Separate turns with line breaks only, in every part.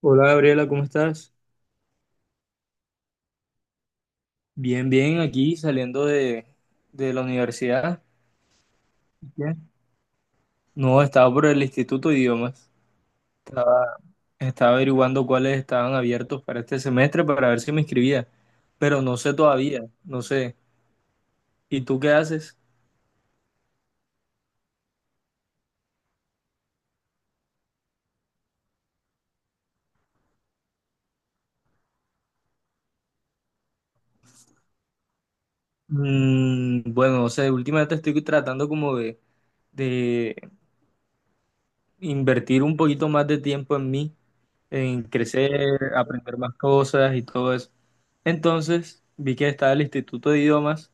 Hola Gabriela, ¿cómo estás? Bien, bien, aquí saliendo de la universidad. Bien. No, estaba por el Instituto de Idiomas. Estaba, estaba averiguando cuáles estaban abiertos para este semestre para ver si me inscribía, pero no sé todavía, no sé. ¿Y tú qué haces? Bueno, no sé, últimamente estoy tratando como de invertir un poquito más de tiempo en mí, en crecer, aprender más cosas y todo eso. Entonces, vi que estaba el Instituto de Idiomas.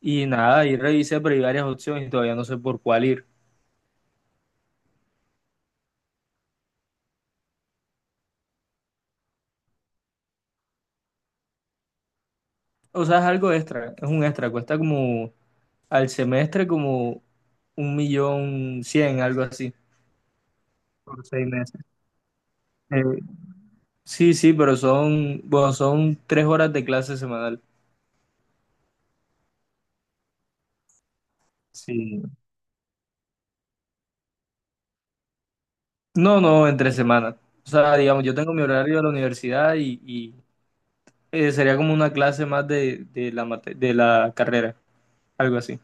Y nada, ahí revisé, pero hay varias opciones y todavía no sé por cuál ir. O sea, es algo extra, es un extra, cuesta como al semestre como un millón cien, algo así, por 6 meses. Eh, sí, sí, pero bueno, son 3 horas de clase semanal. Sí. No, no, entre semanas. O sea, digamos, yo tengo mi horario de la universidad y sería como una clase más de la carrera, algo así.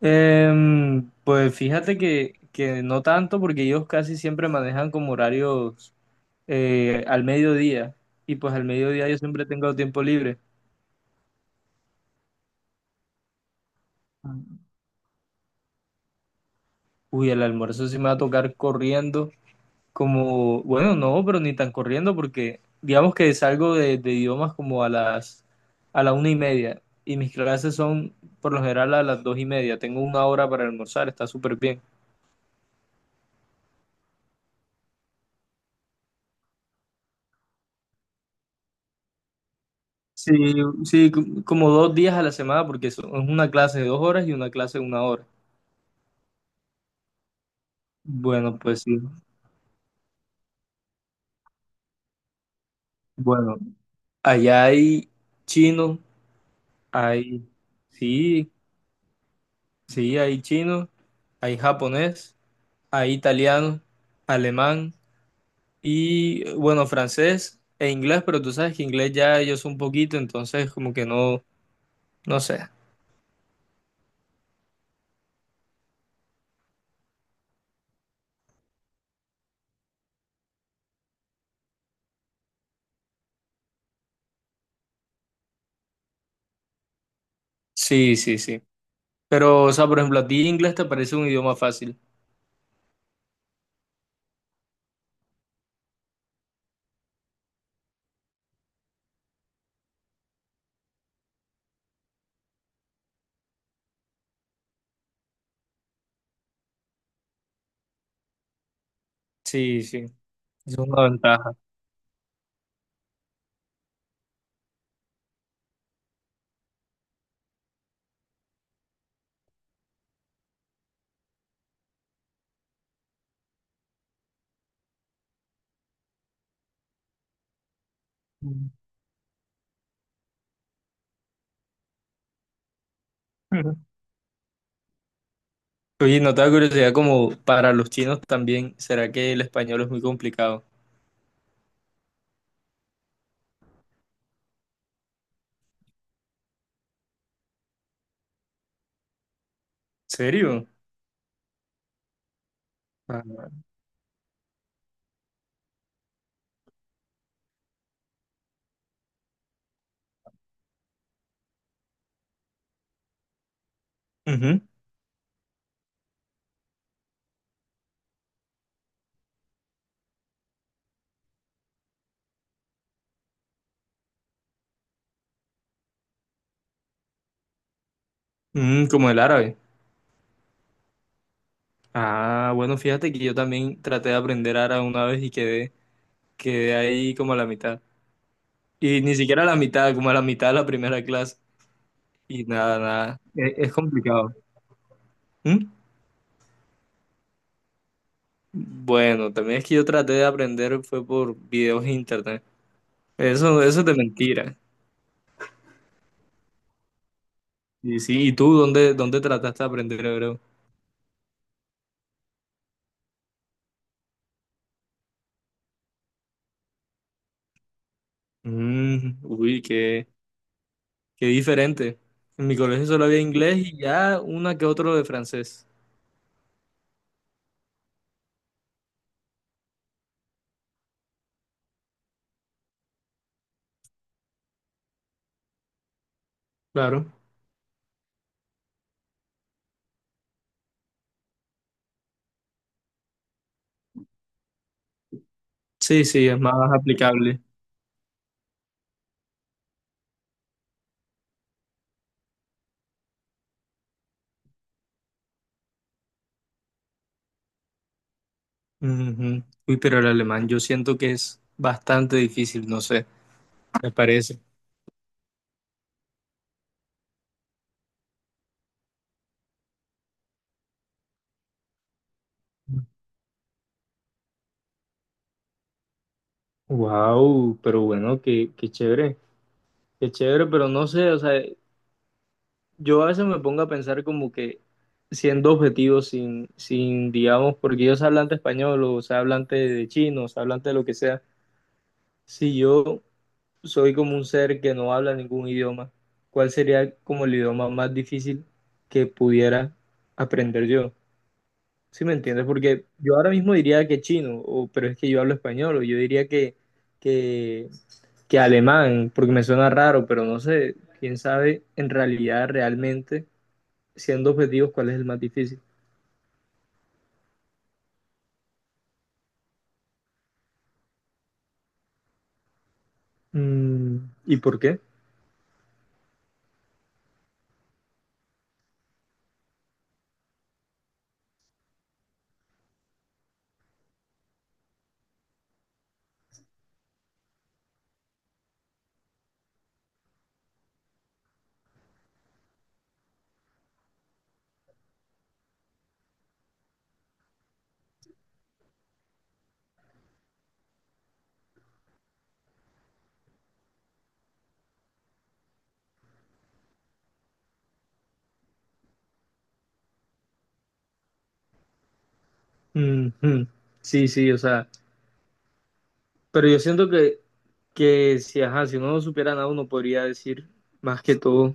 Pues fíjate que no tanto porque ellos casi siempre manejan como horarios al mediodía y pues al mediodía yo siempre tengo tiempo libre. Uy, el almuerzo sí me va a tocar corriendo, como, bueno, no, pero ni tan corriendo porque digamos que salgo de idiomas como a la 1:30 y mis clases son por lo general a las 2:30. Tengo 1 hora para almorzar, está súper bien. Sí, sí, como 2 días a la semana porque es una clase de 2 horas y una clase de 1 hora. Bueno, pues sí. Bueno, allá hay chino, hay, sí, sí, hay chino, hay japonés, hay italiano, alemán y, bueno, francés e inglés, pero tú sabes que inglés ya yo sé un poquito, entonces como que no, no sé. Sí, sí, sí. Pero, o sea, por ejemplo, a ti inglés te parece un idioma fácil. Sí, sí, es una ventaja. Oye, no te da curiosidad como para los chinos también, ¿será que el español es muy complicado? ¿Serio? Ah, ujú. Como el árabe. Ah, bueno, fíjate que yo también traté de aprender árabe una vez y quedé ahí como a la mitad. Y ni siquiera a la mitad, como a la mitad de la primera clase. Y nada, nada. Es complicado. ¿Mm? Bueno, también es que yo traté de aprender fue por videos en internet. Eso es de mentira. Y sí, ¿y tú dónde trataste de aprender hebreo? Uy, qué. Qué diferente. En mi colegio solo había inglés y ya una que otro de francés. Claro. Sí, sí, es más aplicable. Ujú. Uy, pero el alemán yo siento que es bastante difícil, no sé, me parece. Wow, pero bueno, qué chévere, qué chévere, pero no sé, o sea, yo a veces me pongo a pensar como que siendo objetivos, sin, digamos, porque ellos hablan de español o sea, hablan de chino, o sea, hablan de lo que sea, si yo soy como un ser que no habla ningún idioma, ¿cuál sería como el idioma más difícil que pudiera aprender yo? ¿Sí me entiendes? Porque yo ahora mismo diría que chino, o, pero es que yo hablo español, o yo diría que, que alemán, porque me suena raro, pero no sé, quién sabe en realidad, realmente, siendo objetivos, cuál es el más difícil. Mm, ¿Y por qué? Mm, mm. Sí, sí, o sea. Pero yo siento que si, ajá, si uno no supiera nada, uno podría decir más que todo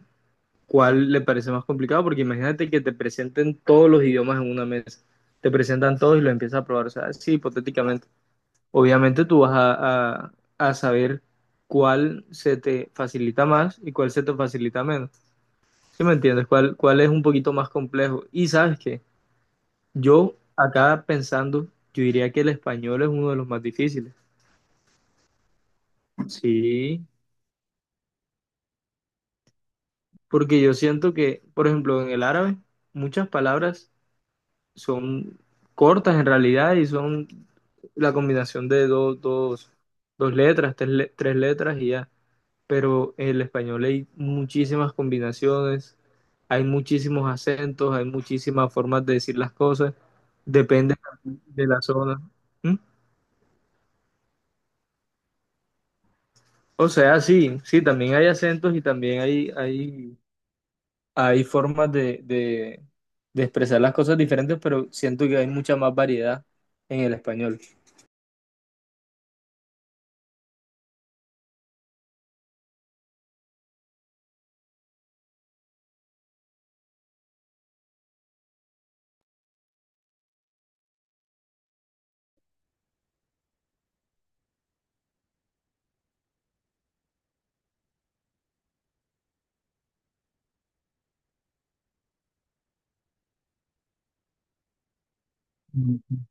cuál le parece más complicado, porque imagínate que te presenten todos los idiomas en una mesa, te presentan todos y los empiezas a probar, o sea, sí, hipotéticamente. Obviamente tú vas a saber cuál se te facilita más y cuál se te facilita menos. ¿Sí me entiendes? ¿Cuál es un poquito más complejo? Y sabes que yo acá pensando, yo diría que el español es uno de los más difíciles. Sí. Porque yo siento que, por ejemplo, en el árabe, muchas palabras son cortas en realidad y son la combinación de dos letras, tres letras y ya. Pero en el español hay muchísimas combinaciones, hay muchísimos acentos, hay muchísimas formas de decir las cosas, depende de la zona. ¿Mm? O sea, sí, sí, también hay acentos y también hay formas de expresar las cosas diferentes, pero siento que hay mucha más variedad en el español. Mm.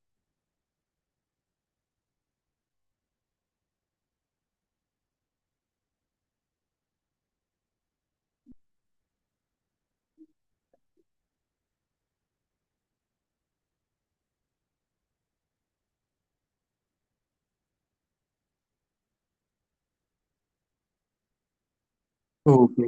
Ok,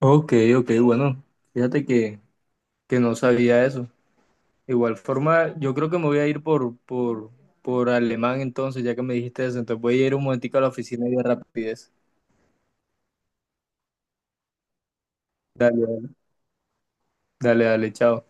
ok, ok, ok, bueno, fíjate que no sabía eso. Igual forma, yo creo que me voy a ir por alemán entonces, ya que me dijiste eso, entonces voy a ir un momentico a la oficina y de rapidez. Dale, dale, dale, dale, chao.